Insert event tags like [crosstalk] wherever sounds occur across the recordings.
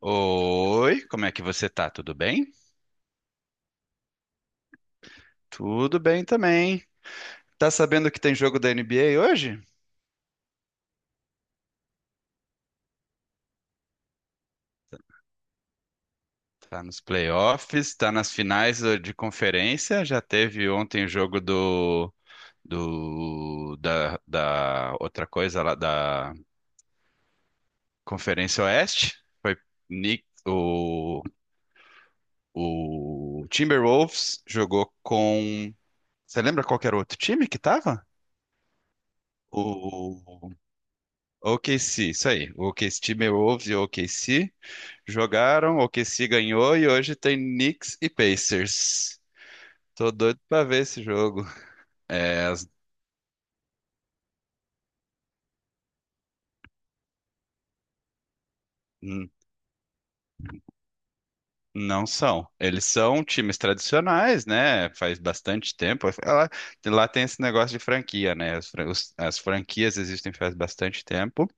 Oi, como é que você tá? Tudo bem? Tudo bem também. Tá sabendo que tem jogo da NBA hoje? Tá nos playoffs, tá nas finais de conferência. Já teve ontem o jogo da outra coisa lá da Conferência Oeste. Foi Knick- o, o Timberwolves jogou com. Você lembra qual que era o outro time que tava? O o OKC, isso aí. O OKC, Timberwolves e o OKC. Jogaram, o que se ganhou e hoje tem Knicks e Pacers. Tô doido pra ver esse jogo. É, n- não são. Eles são times tradicionais, né? Faz bastante tempo. Lá tem esse negócio de franquia, né? As franquias existem faz bastante tempo,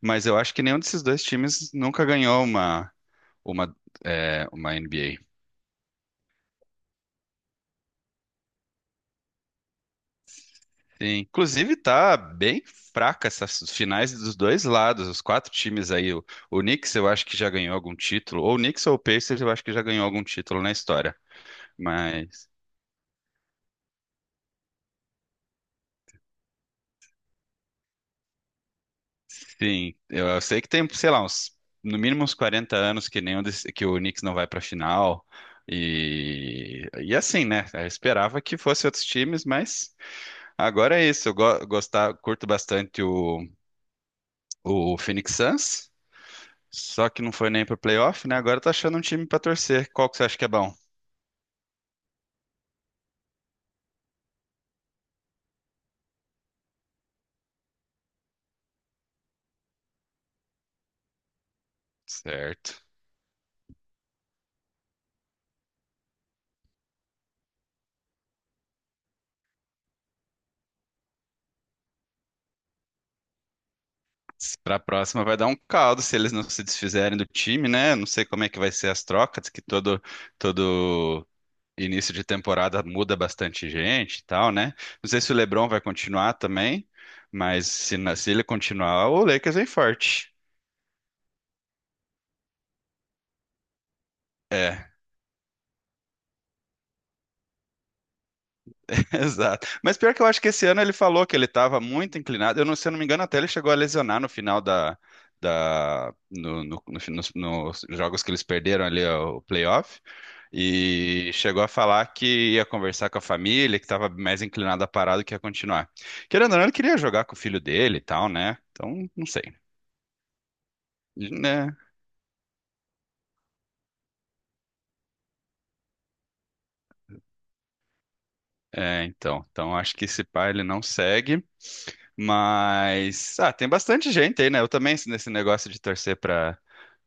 mas eu acho que nenhum desses dois times nunca ganhou uma, uma, uma NBA. Sim. Inclusive, tá bem fraca essas finais dos dois lados, os quatro times aí. O Knicks eu acho que já ganhou algum título, ou o Knicks ou o Pacers eu acho que já ganhou algum título na história. Mas, sim, eu sei que tem, sei lá, no mínimo uns 40 anos que que o Knicks não vai pra final. E assim, né? Eu esperava que fosse outros times, mas agora é isso. Curto bastante o Phoenix Suns. Só que não foi nem pro playoff, né? Agora tá achando um time pra torcer. Qual que você acha que é bom? Certo. Pra próxima vai dar um caldo se eles não se desfizerem do time, né? Não sei como é que vai ser as trocas, que todo início de temporada muda bastante gente e tal, né? Não sei se o LeBron vai continuar também, mas se ele continuar, o Lakers vem forte. É. [laughs] Exato. Mas pior que eu acho que esse ano ele falou que ele estava muito inclinado. Eu não, se eu não me engano, até ele chegou a lesionar no final da, da no, no- no- fi- nos, nos jogos que eles perderam ali ó, o playoff. E chegou a falar que ia conversar com a família, que estava mais inclinado a parar do que a continuar. Querendo ou não, ele queria jogar com o filho dele e tal, né? Então, não sei, né? É, então. Então acho que esse pai ele não segue. Mas ah, tem bastante gente aí, né? Eu também nesse negócio de torcer para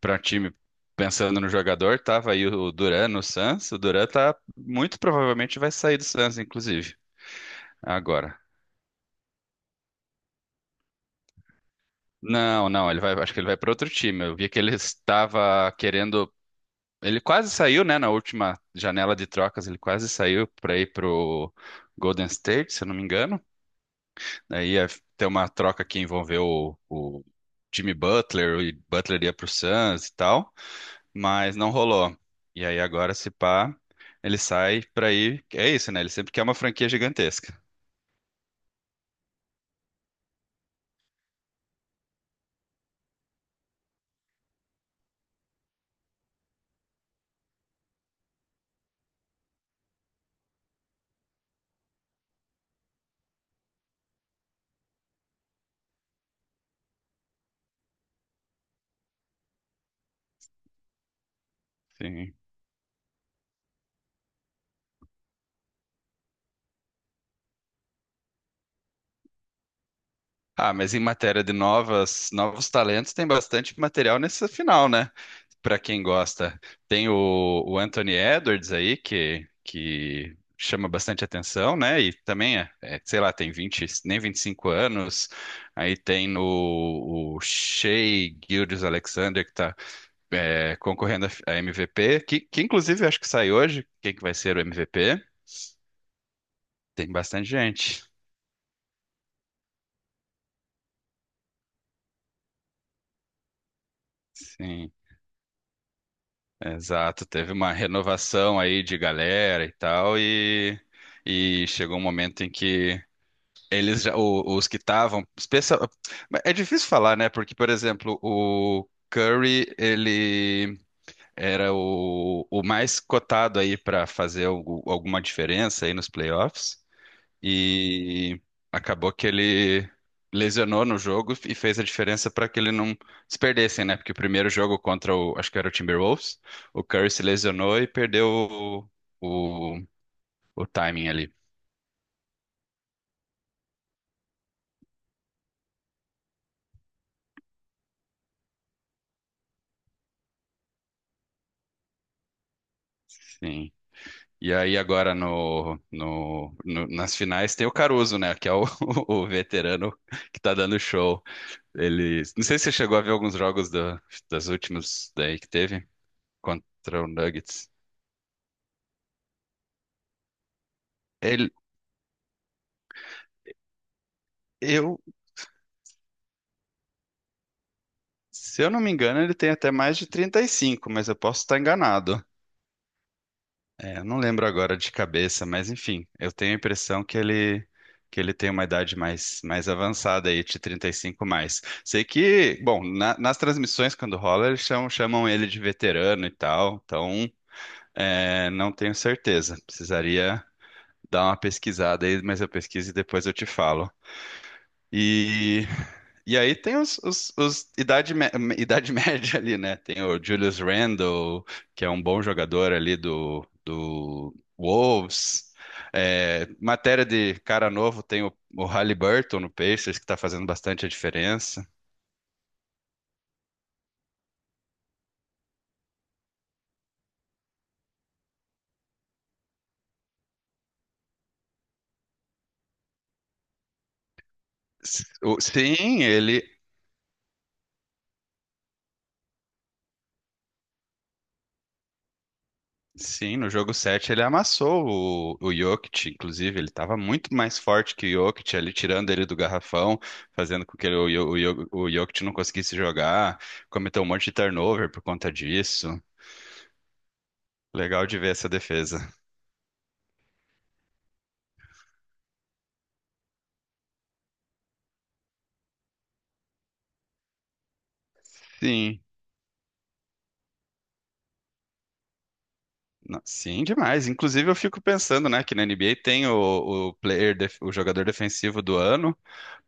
para time pensando no jogador, tava aí o Duran no Suns. O Duran tá muito provavelmente vai sair do Suns, inclusive, agora. Não, não, ele vai, acho que ele vai para outro time. Eu vi que ele estava querendo, ele quase saiu, né, na última janela de trocas, ele quase saiu para ir pro Golden State, se eu não me engano. Aí ia ter uma troca que envolveu o Jimmy Butler, o Butler ia pro Suns e tal, mas não rolou. E aí agora, se pá, ele sai pra ir. É isso, né? Ele sempre quer uma franquia gigantesca. Sim. Ah, mas em matéria de novos talentos, tem bastante material nessa final, né? Para quem gosta. Tem o Anthony Edwards aí, que chama bastante atenção, né? E também, sei lá, tem 20 nem 25 anos. Aí tem no, o Shai Gilgeous-Alexander, que está concorrendo a MVP, que inclusive eu acho que sai hoje. Quem que vai ser o MVP? Tem bastante gente. Sim. Exato, teve uma renovação aí de galera e tal, e chegou um momento em que eles já, os que estavam, é difícil falar, né? Porque, por exemplo, o Curry, ele era o mais cotado aí para fazer alguma diferença aí nos playoffs, e acabou que ele lesionou no jogo e fez a diferença para que ele não se perdessem, né? Porque o primeiro jogo contra o, acho que era o Timberwolves, o Curry se lesionou e perdeu o, o timing ali. Sim. E aí agora nas finais tem o Caruso, né? Que é o, [laughs] o veterano que tá dando show. Não sei se você chegou a ver alguns jogos das últimas daí que teve contra o Nuggets. Ele, eu Se eu não me engano, ele tem até mais de 35, mas eu posso estar enganado. É, eu não lembro agora de cabeça, mas enfim, eu tenho a impressão que ele tem uma idade mais avançada aí, de 35 mais. Sei que, bom, nas transmissões quando rola, eles chamam ele de veterano e tal, então não tenho certeza. Precisaria dar uma pesquisada aí, mas eu pesquiso e depois eu te falo. E, e aí tem os idade [laughs] média ali, né? Tem o Julius Randle, que é um bom jogador ali do Wolves. É, matéria de cara novo, tem o Halliburton no Pacers, que tá fazendo bastante a diferença. S- o- Sim, ele, Sim, no jogo 7 ele amassou o Jokic, inclusive, ele estava muito mais forte que o Jokic ali, tirando ele do garrafão, fazendo com que o Jokic não conseguisse jogar, cometeu um monte de turnover por conta disso. Legal de ver essa defesa. Sim, sim, demais. Inclusive eu fico pensando, né, que na NBA tem o jogador defensivo do ano,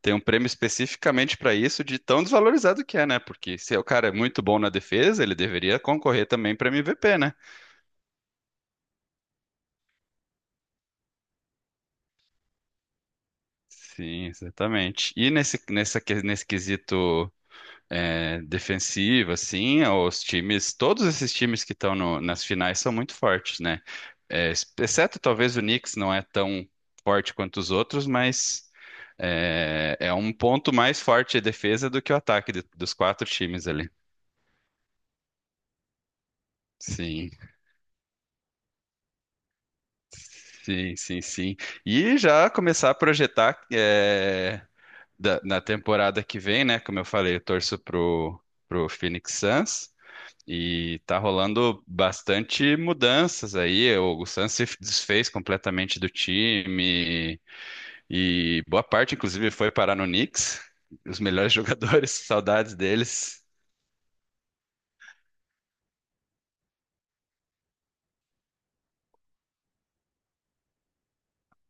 tem um prêmio especificamente para isso, de tão desvalorizado que é, né? Porque se o cara é muito bom na defesa, ele deveria concorrer também para MVP, né? Sim, exatamente. E nesse quesito defensivo, assim, os times, todos esses times que estão nas finais são muito fortes, né? É, exceto talvez o Knicks não é tão forte quanto os outros, mas é um ponto mais forte a defesa do que o ataque dos quatro times ali. Sim, sim, sim, sim. E já começar a projetar na temporada que vem, né? Como eu falei, eu torço pro Phoenix Suns e tá rolando bastante mudanças aí. O Suns se desfez completamente do time e boa parte, inclusive, foi parar no Knicks. Os melhores [laughs] jogadores, saudades deles.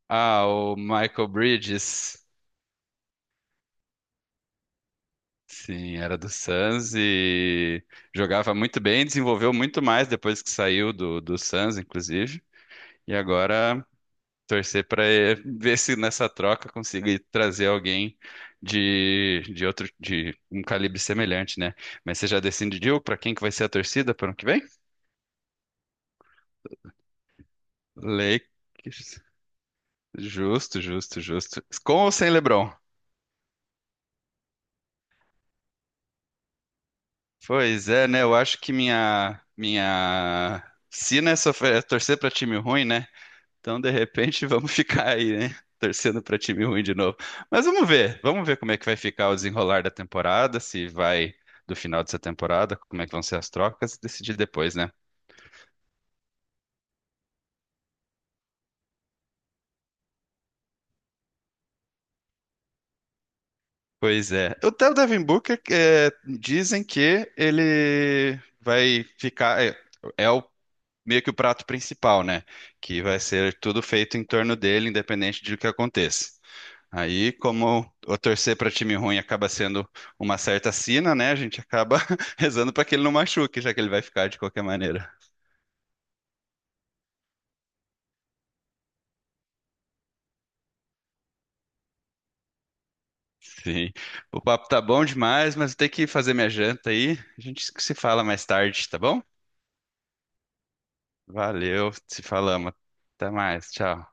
Ah, o Michael Bridges. Sim, era do Suns e jogava muito bem, desenvolveu muito mais depois que saiu do Suns, inclusive. E agora torcer para ver se nessa troca conseguir trazer alguém de outro de um calibre semelhante, né? Mas você já decidiu para quem que vai ser a torcida para o ano que vem? Lakers. Justo, justo, justo. Com ou sem LeBron? Pois é, né? Eu acho que minha sina é sofrer, é torcer para time ruim, né? Então, de repente, [laughs] vamos ficar aí, né? Torcendo para time ruim de novo. Mas vamos ver como é que vai ficar o desenrolar da temporada, se vai do final dessa temporada, como é que vão ser as trocas, e decidir depois, né? Pois é. O Theo Devin Booker, dizem que ele vai ficar. É o meio que o prato principal, né? Que vai ser tudo feito em torno dele, independente de o que aconteça. Aí, como o torcer para time ruim acaba sendo uma certa sina, né? A gente acaba [laughs] rezando para que ele não machuque, já que ele vai ficar de qualquer maneira. Sim. O papo tá bom demais, mas eu tenho que fazer minha janta aí. A gente se fala mais tarde, tá bom? Valeu, se falamos. Até mais, tchau.